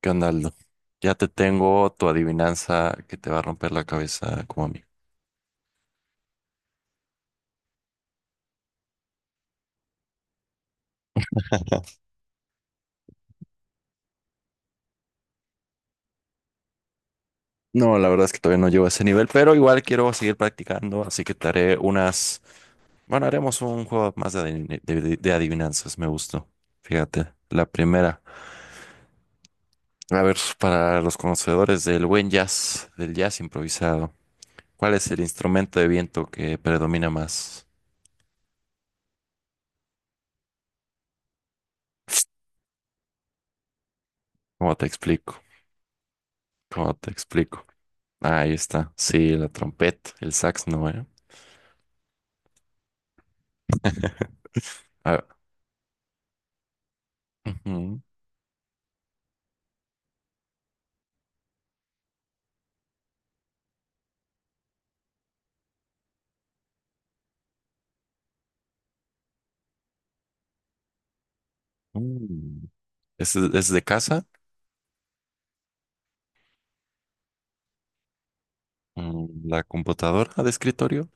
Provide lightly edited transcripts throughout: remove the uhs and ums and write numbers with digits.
¿Qué onda, Aldo? Ya te tengo tu adivinanza que te va a romper la cabeza como a mí. No, la verdad es que todavía no llego a ese nivel, pero igual quiero seguir practicando, así que te haré unas... Bueno, haremos un juego más de adivinanzas, me gustó. Fíjate, la primera. A ver, para los conocedores del buen jazz, del jazz improvisado, ¿cuál es el instrumento de viento que predomina más? ¿Cómo te explico? ¿Cómo te explico? Ahí está. Sí, la trompeta, el sax no, ¿eh? Ah, ujú. Mm. Es de casa, mm, la computadora de escritorio.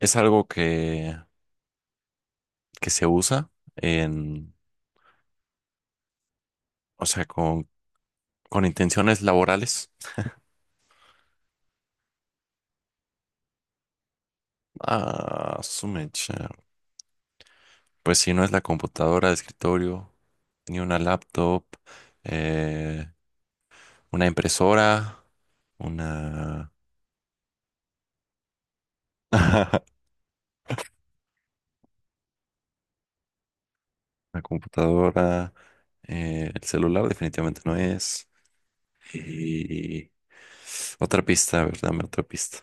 Es algo que se usa en, o sea, con intenciones laborales. Ah, su mecha. Pues si no es la computadora de escritorio, ni una laptop, eh, una impresora, una, una computadora, el celular definitivamente no es. Y otra pista, a ver, dame otra pista.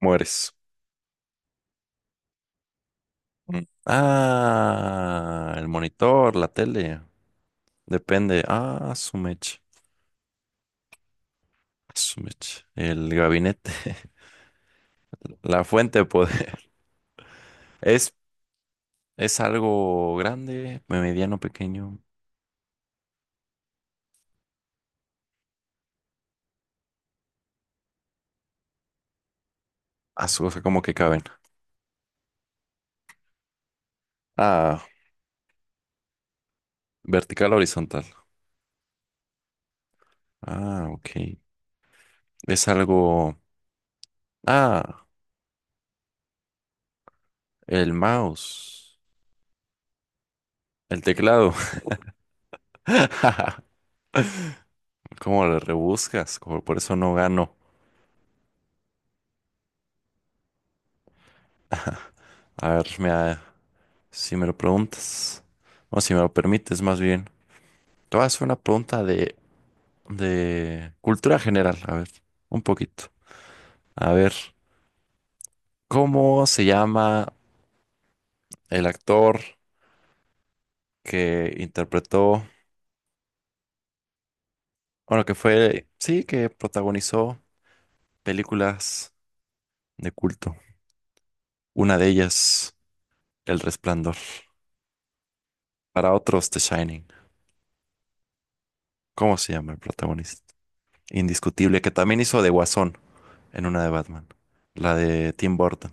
Mueres. Mm. Ah, el monitor, la tele. Depende. Ah, su mecha. Su mecha. El gabinete. La fuente de poder. Es, es algo grande, mediano, pequeño. O sea, como que caben. Ah, vertical, horizontal. Ah, ok. Es algo. Ah, el mouse. El teclado. ¿Cómo le rebuscas? Como por eso no gano. A ver, mira, si me lo preguntas, o si me lo permites más bien, te voy a hacer una pregunta de cultura general, a ver, un poquito. A ver, ¿cómo se llama el actor que interpretó, bueno, que fue, sí, que protagonizó películas de culto? Una de ellas, El Resplandor, para otros, The Shining. ¿Cómo se llama el protagonista? Indiscutible, que también hizo de Guasón en una de Batman. La de Tim Burton.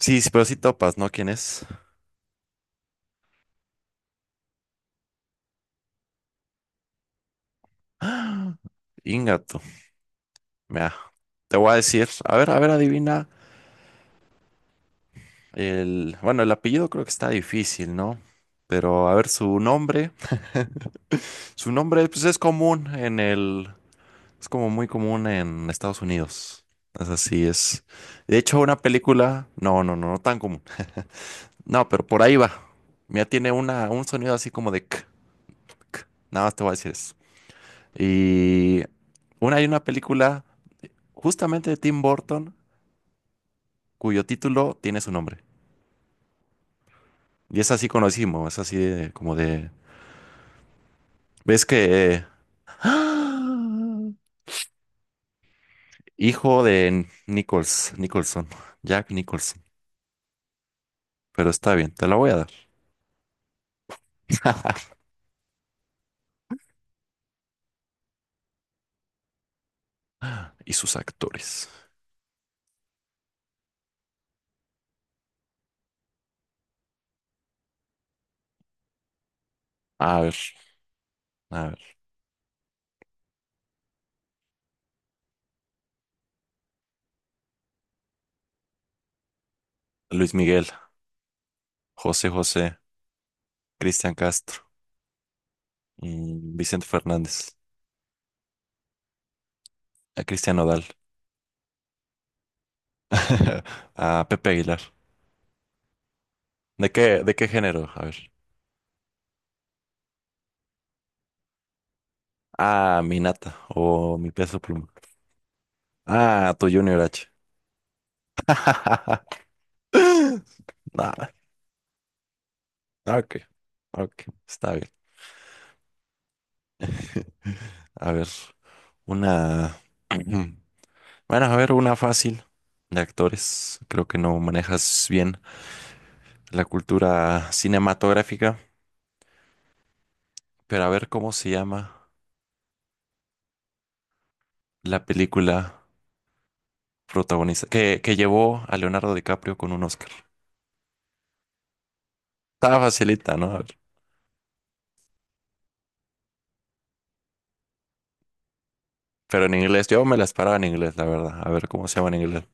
Sí, sí, pero sí topas, ¿no? ¿Quién es? ¡Ah! Ingato. Mira, te voy a decir. A ver, adivina. El, bueno, el apellido creo que está difícil, ¿no? Pero a ver, su nombre. Su nombre, pues es común en el. Es como muy común en Estados Unidos. Es así, es. De hecho, una película. No, no, no, no tan común. No, pero por ahí va. Mira, tiene una, un sonido así como de k. Nada más te voy a decir eso. Y una, hay una película justamente de Tim Burton cuyo título tiene su nombre. Y es así conocimos, es así de- como de... ¿Ves que... ¡Ah! Hijo de Nicholson, Jack Nicholson. Pero está bien, te la voy a dar. Y sus actores. A ver, a ver. Luis Miguel, José José, Cristian Castro, mm, Vicente Fernández, a Cristian Nodal, a Pepe Aguilar. ¿De qué género? A ver. Ah, mi nata o mi peso pluma. Ah, tu Junior H. Nah, ok, ok, está bien. A ver, una. Bueno, a ver, una fácil de actores. Creo que no manejas bien la cultura cinematográfica, pero a ver cómo se llama la película protagonista que llevó a Leonardo DiCaprio con un Oscar. Estaba facilita, ¿no? A ver, pero en inglés, yo me las paraba en inglés, la verdad. A ver cómo se llama en inglés.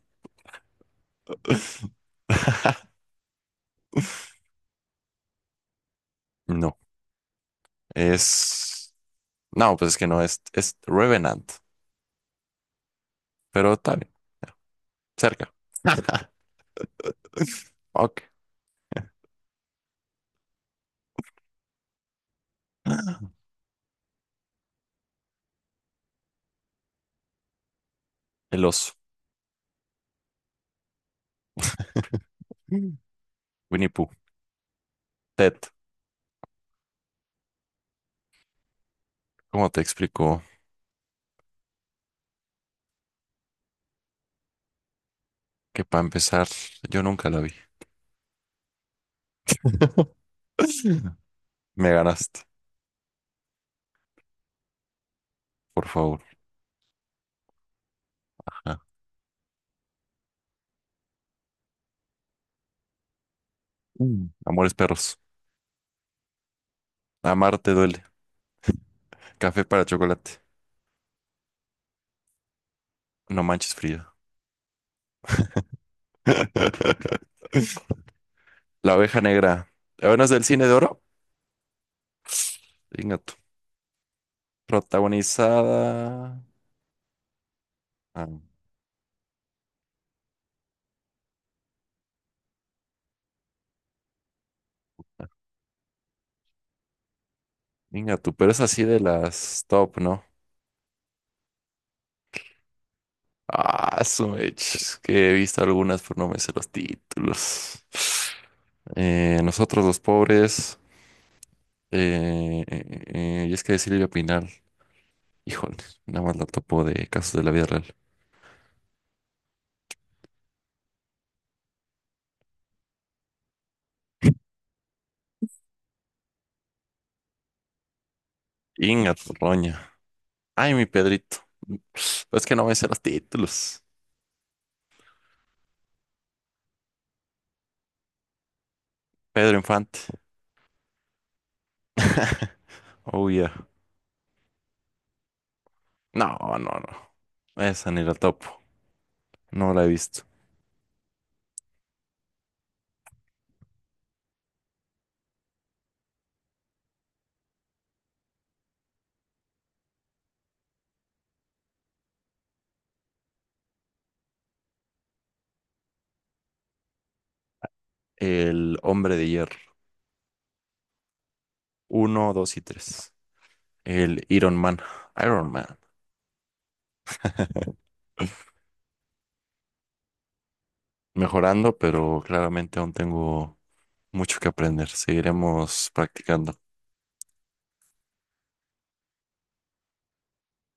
No, es... No, pues es que no, es Revenant, pero está bien, cerca. Ok. Ah, el oso. Mm. Winnie Pooh. Ted, ¿cómo te explico? Que para empezar, yo nunca la vi. Me ganaste, por favor. Ajá. Mm. Amores perros. Amarte duele. Café para chocolate. No manches Frida. La oveja negra. ¿La es del cine de oro? Venga tú. Protagonizada. Ah, venga tú, pero es así de las top, ¿no? Ah, su mech, es que he visto algunas, pero no me sé los títulos. Nosotros los pobres, y es que de Silvia Pinal, híjole, nada más la topo de casos de la vida real. Inga tu roña. Ay, mi Pedrito. Pero es que no me sé los títulos. Pedro Infante. Oh, yeah. No, no, no. Esa ni la topo. No la he visto. El hombre de hierro. 1, 2 y 3. El Iron Man. Iron Man. Mejorando, pero claramente aún tengo mucho que aprender. Seguiremos practicando.